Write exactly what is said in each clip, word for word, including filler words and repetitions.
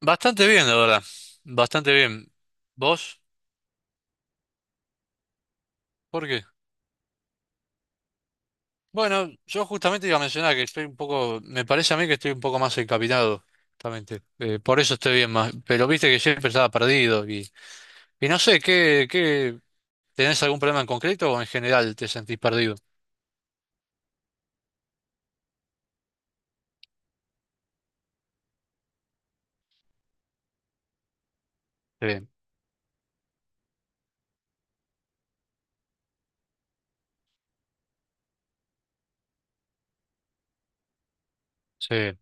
Bastante bien, la verdad. Bastante bien. ¿Vos? ¿Por qué? Bueno, yo justamente iba a mencionar que estoy un poco, me parece a mí que estoy un poco más encaminado, justamente. Eh, por eso estoy bien más, pero viste que siempre estaba perdido y, y no sé, ¿qué, qué, tenés algún problema en concreto o en general te sentís perdido? Sí, sí.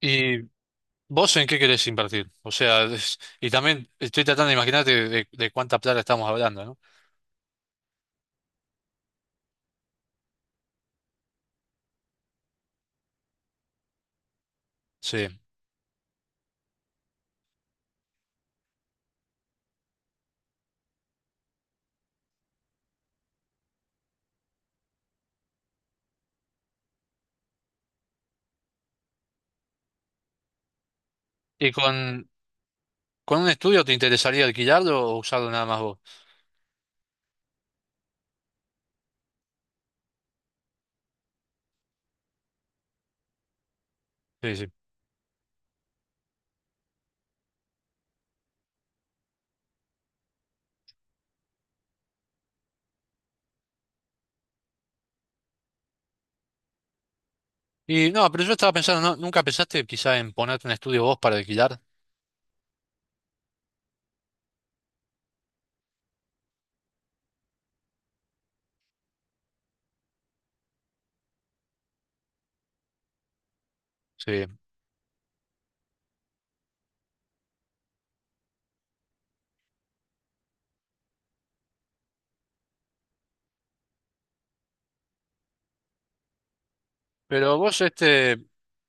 ¿Y vos en qué querés invertir? O sea, es- y también estoy tratando de imaginarte de, de cuánta plata estamos hablando, ¿no? Sí. ¿Y con, con un estudio te interesaría alquilarlo o usarlo nada más vos? Sí, sí. Y no, pero yo estaba pensando, ¿no? ¿Nunca pensaste quizá en ponerte un estudio vos para alquilar? Sí. Pero vos este,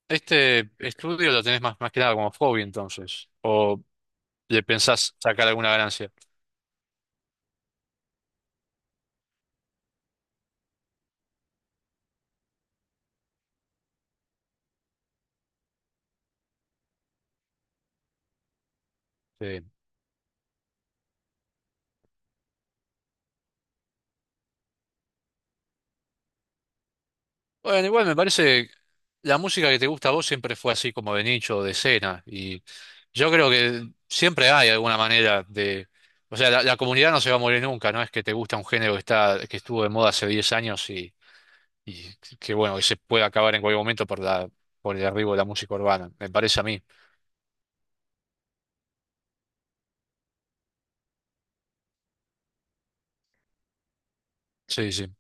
este estudio lo tenés más, más que nada como hobby entonces, o le pensás sacar alguna ganancia. Sí. Bueno, igual me parece, la música que te gusta a vos siempre fue así como de nicho, o de escena, y yo creo que siempre hay alguna manera de, o sea, la, la comunidad no se va a morir nunca, no es que te gusta un género que está, que estuvo de moda hace diez años y que bueno, que se puede acabar en cualquier momento por la, por el arribo de la música urbana, me parece a mí. Sí, sí, está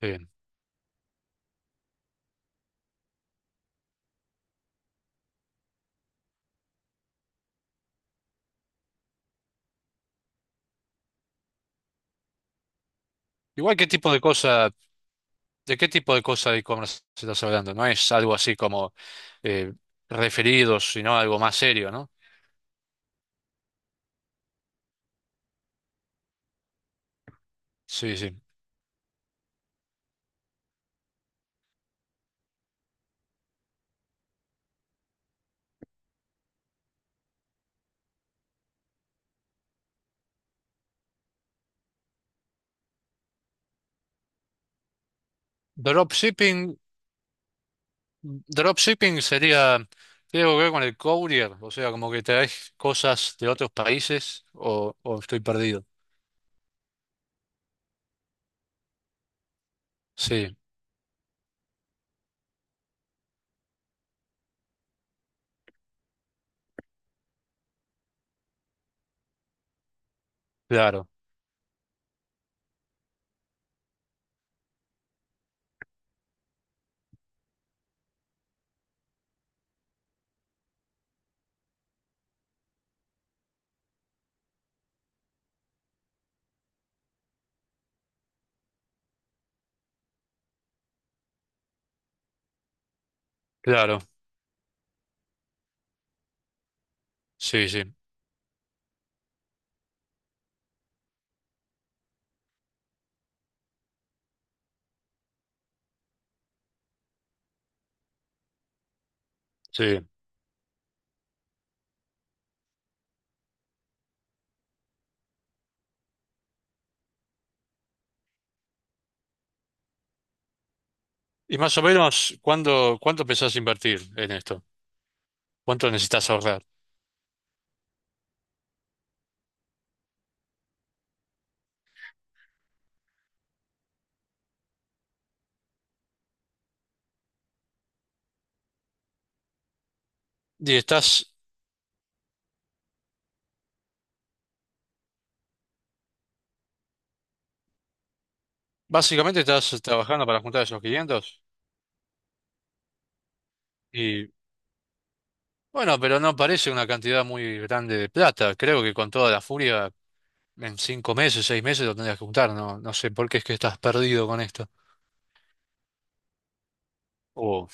bien. Igual, ¿qué tipo de cosa, de qué tipo de cosa de e-commerce estás hablando? No es algo así como eh, referidos, sino algo más serio, ¿no? Sí, sí. Dropshipping, dropshipping sería, ¿tiene algo que ver con el courier? O sea, como que traes cosas de otros países o, o estoy perdido. Sí, claro, claro, sí, sí, sí. Y más o menos, ¿cuándo, ¿cuánto pensás invertir en esto? ¿Cuánto necesitas ahorrar? Y estás, básicamente estás trabajando para juntar esos quinientos y bueno, pero no parece una cantidad muy grande de plata. Creo que con toda la furia, en cinco meses, seis meses lo tendrías que juntar. No, no sé por qué es que estás perdido con esto. O,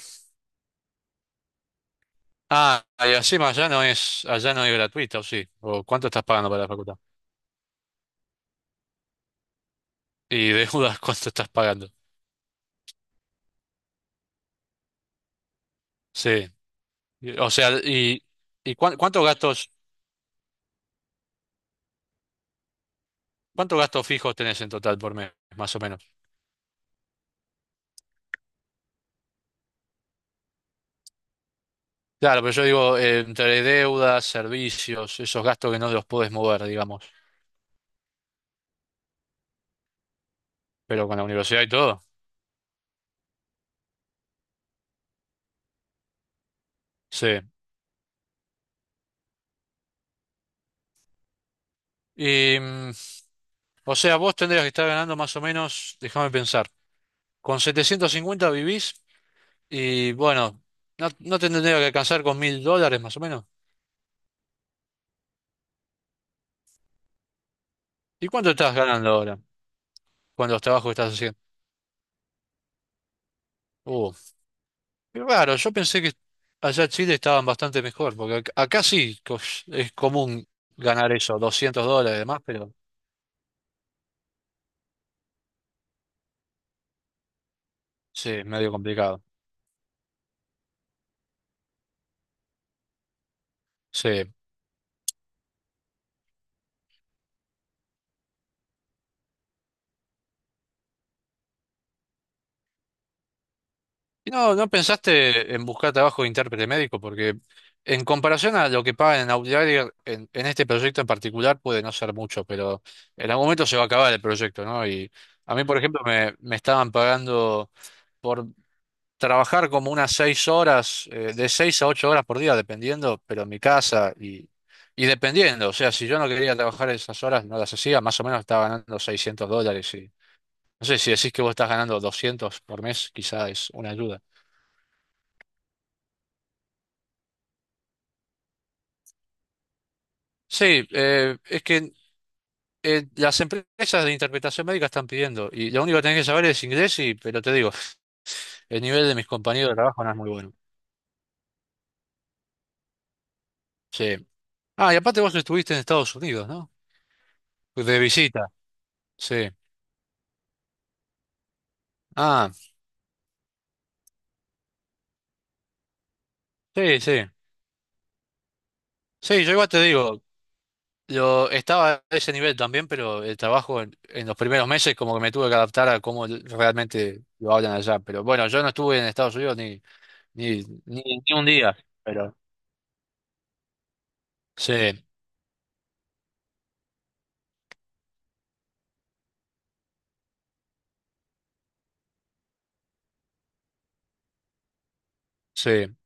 ah, y encima allá no es, allá no es gratuita, ¿o sí? ¿O cuánto estás pagando para la facultad? Y deudas, ¿cuánto estás pagando? Sí. Y- O sea, y, y cuán- cuántos gastos. ¿Cuántos gastos fijos tenés en total por mes, más o menos? Claro, pero yo digo, eh, entre deudas, servicios, esos gastos que no los podés mover, digamos, pero con la universidad y todo. Sí. Y, mm, o sea, vos tendrías que estar ganando más o menos, déjame pensar, con setecientos cincuenta vivís y bueno, no, no te tendría que alcanzar con mil dólares más o menos. ¿Y cuánto estás ganando ahora con los trabajos que estás haciendo? Uh, Qué raro, yo pensé que allá en Chile estaban bastante mejor, porque ac- acá sí co- es común ganar eso, doscientos dólares y demás, pero sí, es medio complicado. Sí. ¿Y no, no pensaste en buscar trabajo de intérprete médico? Porque en comparación a lo que pagan en Outlier, en, en este proyecto en particular puede no ser mucho, pero en algún momento se va a acabar el proyecto, ¿no? Y a mí, por ejemplo, me, me estaban pagando por trabajar como unas seis horas, eh, de seis a ocho horas por día, dependiendo, pero en mi casa y, y dependiendo. O sea, si yo no quería trabajar esas horas, no las hacía, más o menos estaba ganando seiscientos dólares. Y, no sé, si decís que vos estás ganando doscientos por mes, quizá es una ayuda. Sí, eh, es que eh, las empresas de interpretación médica están pidiendo, y lo único que tenés que saber es inglés, y, pero te digo, el nivel de mis compañeros de trabajo no es muy bueno. Sí. Ah, y aparte vos estuviste en Estados Unidos, ¿no? De visita, sí. Ah, sí, sí. Sí, yo igual te digo, yo estaba a ese nivel también, pero el trabajo en, en los primeros meses como que me tuve que adaptar a cómo realmente lo hablan allá. Pero bueno, yo no estuve en Estados Unidos ni, ni, ni, ni un día, pero sí, sí.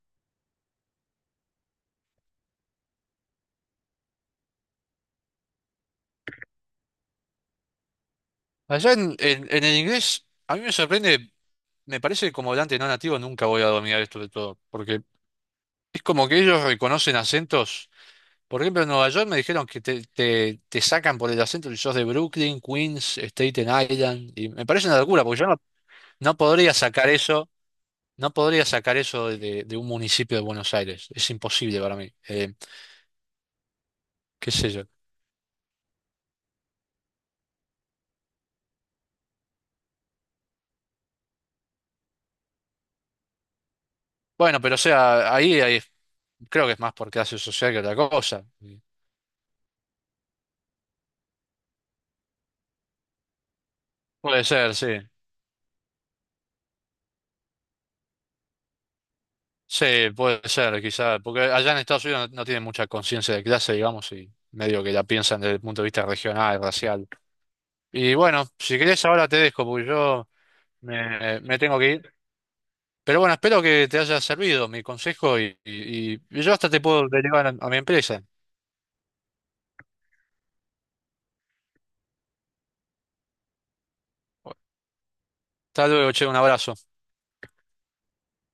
Allá en, en, en el inglés, a mí me sorprende, me parece que como hablante no nativo nunca voy a dominar esto de todo, porque es como que ellos reconocen acentos. Por ejemplo, en Nueva York me dijeron que te, te, te sacan por el acento si sos de Brooklyn, Queens, Staten Island, y me parece una locura, porque yo no. No podría sacar eso, no podría sacar eso de, de un municipio de Buenos Aires. Es imposible para mí. Eh, qué sé yo. Bueno, pero o sea, ahí, ahí creo que es más por clase social que otra cosa. Puede ser, sí. Sí, puede ser, quizás. Porque allá en Estados Unidos no, no tienen mucha conciencia de clase, digamos, y medio que la piensan desde el punto de vista regional, racial. Y bueno, si querés ahora te dejo, porque yo me, me tengo que ir. Pero bueno, espero que te haya servido mi consejo y, y- y yo hasta te puedo derivar a a mi empresa. Hasta luego, che, un abrazo.